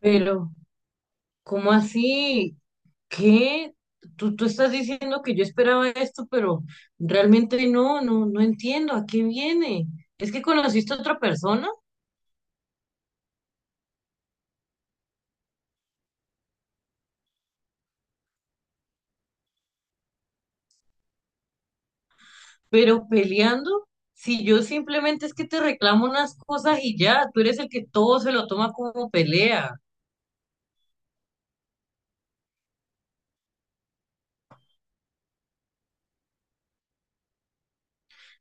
Pero, ¿cómo así? ¿Qué? Tú estás diciendo que yo esperaba esto, pero realmente no entiendo a qué viene. Es que conociste a otra persona, pero peleando, si yo simplemente es que te reclamo unas cosas y ya, tú eres el que todo se lo toma como pelea.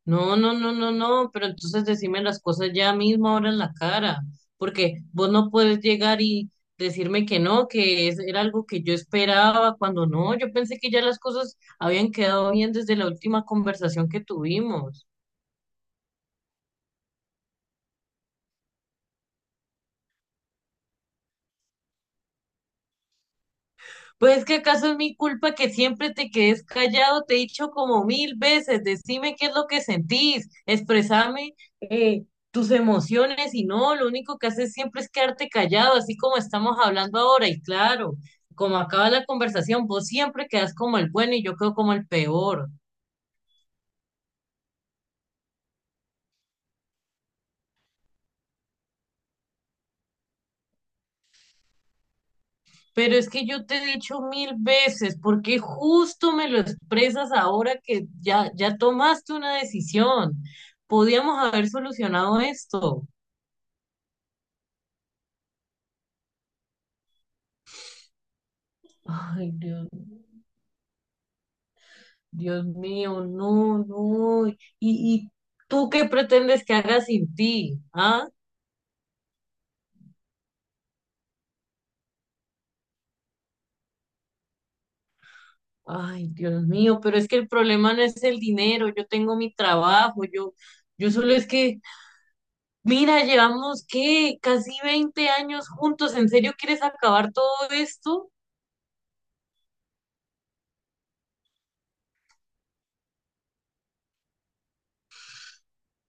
No, no, no, no, no, pero entonces decime las cosas ya mismo ahora en la cara, porque vos no puedes llegar y decirme que no, que era algo que yo esperaba, cuando no, yo pensé que ya las cosas habían quedado bien desde la última conversación que tuvimos. Pues que acaso es mi culpa que siempre te quedes callado, te he dicho como mil veces, decime qué es lo que sentís, expresame eh, tus emociones y no, lo único que haces siempre es quedarte callado, así como estamos hablando ahora y claro, como acaba la conversación, vos siempre quedas como el bueno y yo quedo como el peor. Pero es que yo te he dicho mil veces, ¿porque justo me lo expresas ahora que ya, ya tomaste una decisión? Podíamos haber solucionado esto. Ay, Dios, Dios mío, no, no. ¿Y tú qué pretendes que haga sin ti? ¿Ah? Ay, Dios mío, pero es que el problema no es el dinero, yo tengo mi trabajo, yo solo es que, mira, llevamos qué, casi 20 años juntos, ¿en serio quieres acabar todo esto?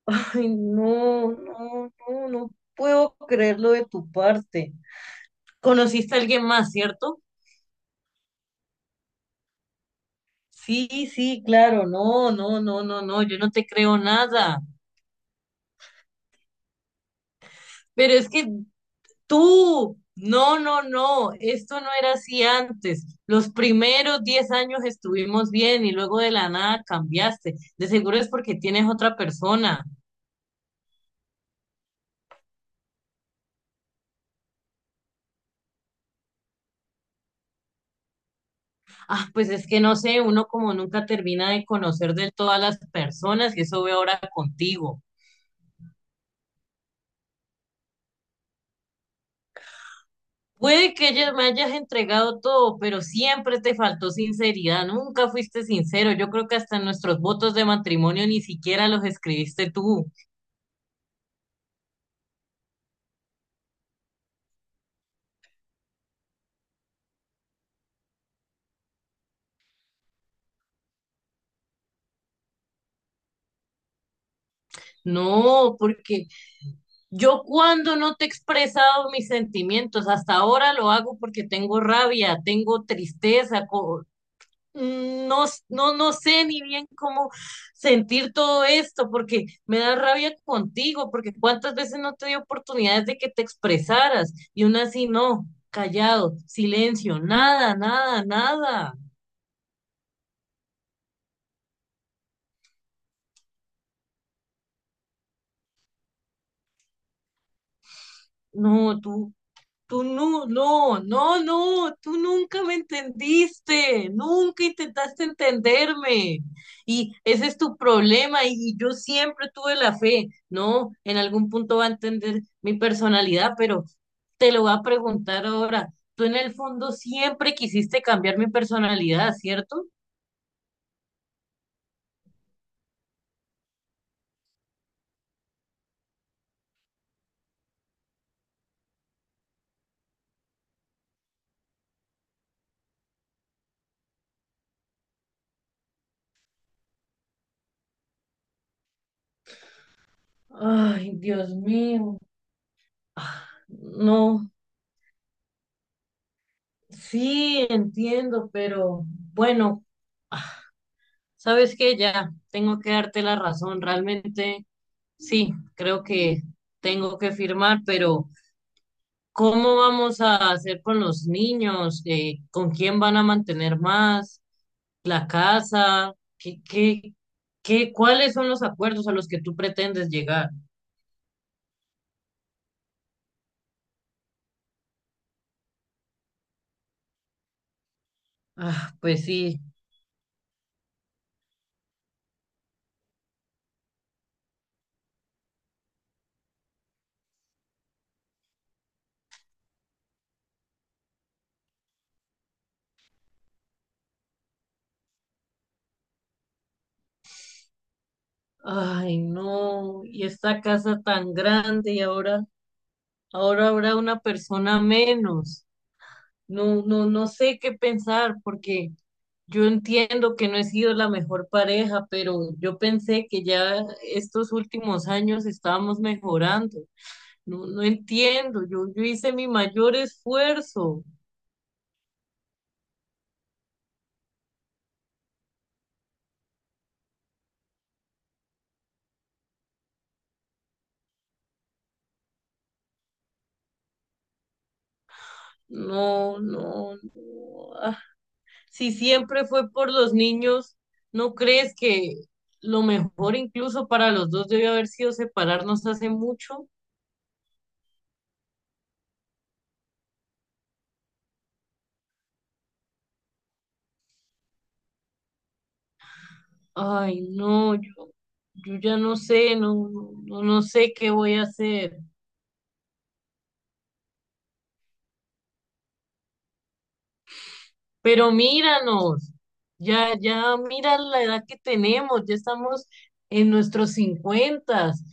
Ay, no, no, no, no puedo creerlo de tu parte. ¿Conociste a alguien más, cierto? Sí, sí, claro, no, no, no, no, no, yo no te creo nada. Pero es que tú, no, no, no, esto no era así antes. Los primeros 10 años estuvimos bien y luego de la nada cambiaste. De seguro es porque tienes otra persona. Ah, pues es que no sé, uno como nunca termina de conocer de todas las personas y eso veo ahora contigo. Puede que ella me hayas entregado todo, pero siempre te faltó sinceridad, nunca fuiste sincero. Yo creo que hasta nuestros votos de matrimonio ni siquiera los escribiste tú. No, porque yo cuando no te he expresado mis sentimientos, hasta ahora lo hago porque tengo rabia, tengo tristeza, no, no, no sé ni bien cómo sentir todo esto, porque me da rabia contigo, porque cuántas veces no te di oportunidades de que te expresaras y aún así no, callado, silencio, nada, nada, nada. No, tú no, no, no, no, tú nunca me entendiste, nunca intentaste entenderme. Y ese es tu problema y yo siempre tuve la fe. No, en algún punto va a entender mi personalidad, pero te lo voy a preguntar ahora. Tú en el fondo siempre quisiste cambiar mi personalidad, ¿cierto? Ay, Dios mío. Ah, no, sí, entiendo, pero bueno. Ah, sabes que ya tengo que darte la razón. Realmente sí, creo que tengo que firmar, pero ¿cómo vamos a hacer con los niños? ¿Con quién van a mantener más? ¿La casa? ¿Qué, cuáles son los acuerdos a los que tú pretendes llegar? Ah, pues sí. Ay, no. Y esta casa tan grande y ahora, ahora habrá una persona menos. No, no, no sé qué pensar porque yo entiendo que no he sido la mejor pareja, pero yo pensé que ya estos últimos años estábamos mejorando. No, no entiendo. Yo hice mi mayor esfuerzo. No, no, no. Ah, si siempre fue por los niños, ¿no crees que lo mejor incluso para los dos debió haber sido separarnos hace mucho? Ay, no, yo ya no sé, no, no, no sé qué voy a hacer. Pero míranos, ya, ya mira la edad que tenemos, ya estamos en nuestros 50.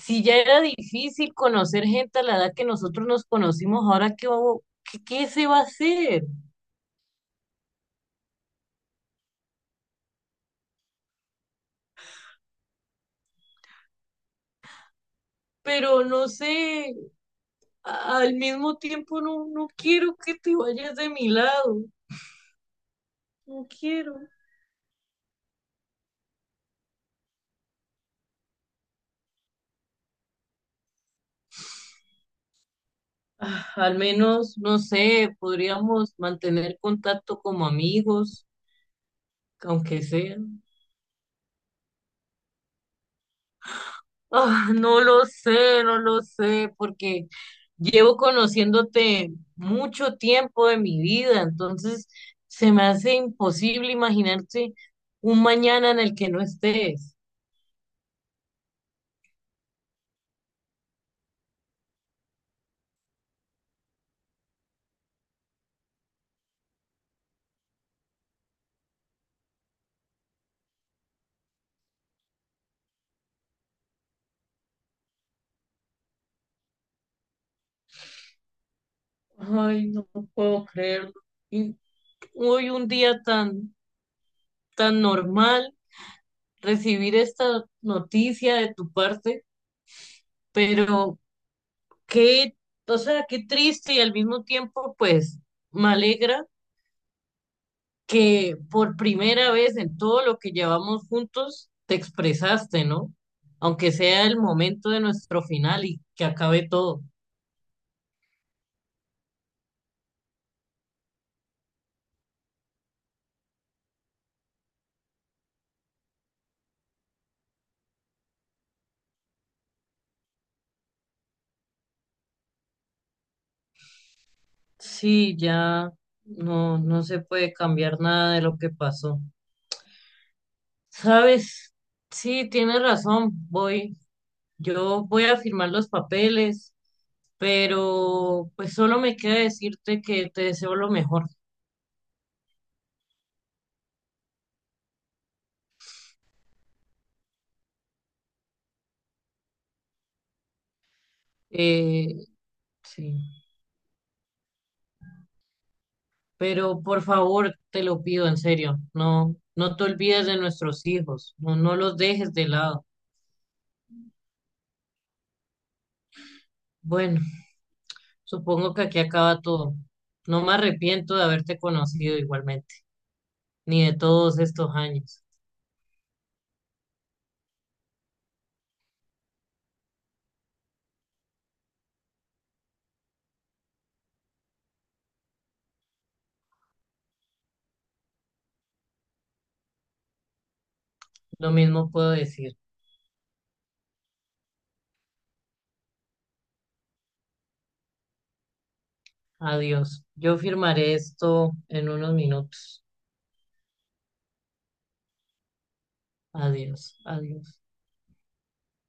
Si ya era difícil conocer gente a la edad que nosotros nos conocimos, ahora qué, qué se va a hacer. Pero no sé, al mismo tiempo no, no quiero que te vayas de mi lado, no quiero. Ah, al menos, no sé, podríamos mantener contacto como amigos, aunque sea. Ah, no lo sé, no lo sé, porque llevo conociéndote mucho tiempo de mi vida, entonces se me hace imposible imaginarte un mañana en el que no estés. Ay, no puedo creerlo. Y hoy un día tan, tan normal, recibir esta noticia de tu parte, pero qué, o sea, qué triste y al mismo tiempo, pues, me alegra que por primera vez en todo lo que llevamos juntos te expresaste, ¿no? Aunque sea el momento de nuestro final y que acabe todo. Sí, ya no, no se puede cambiar nada de lo que pasó. ¿Sabes? Sí, tienes razón, yo voy a firmar los papeles, pero pues solo me queda decirte que te deseo lo mejor. Eh, Sí, pero por favor, te lo pido en serio, no, no te olvides de nuestros hijos, no, no los dejes de lado. Bueno, supongo que aquí acaba todo. No me arrepiento de haberte conocido igualmente, ni de todos estos años. Lo mismo puedo decir. Adiós. Yo firmaré esto en unos minutos. Adiós, adiós.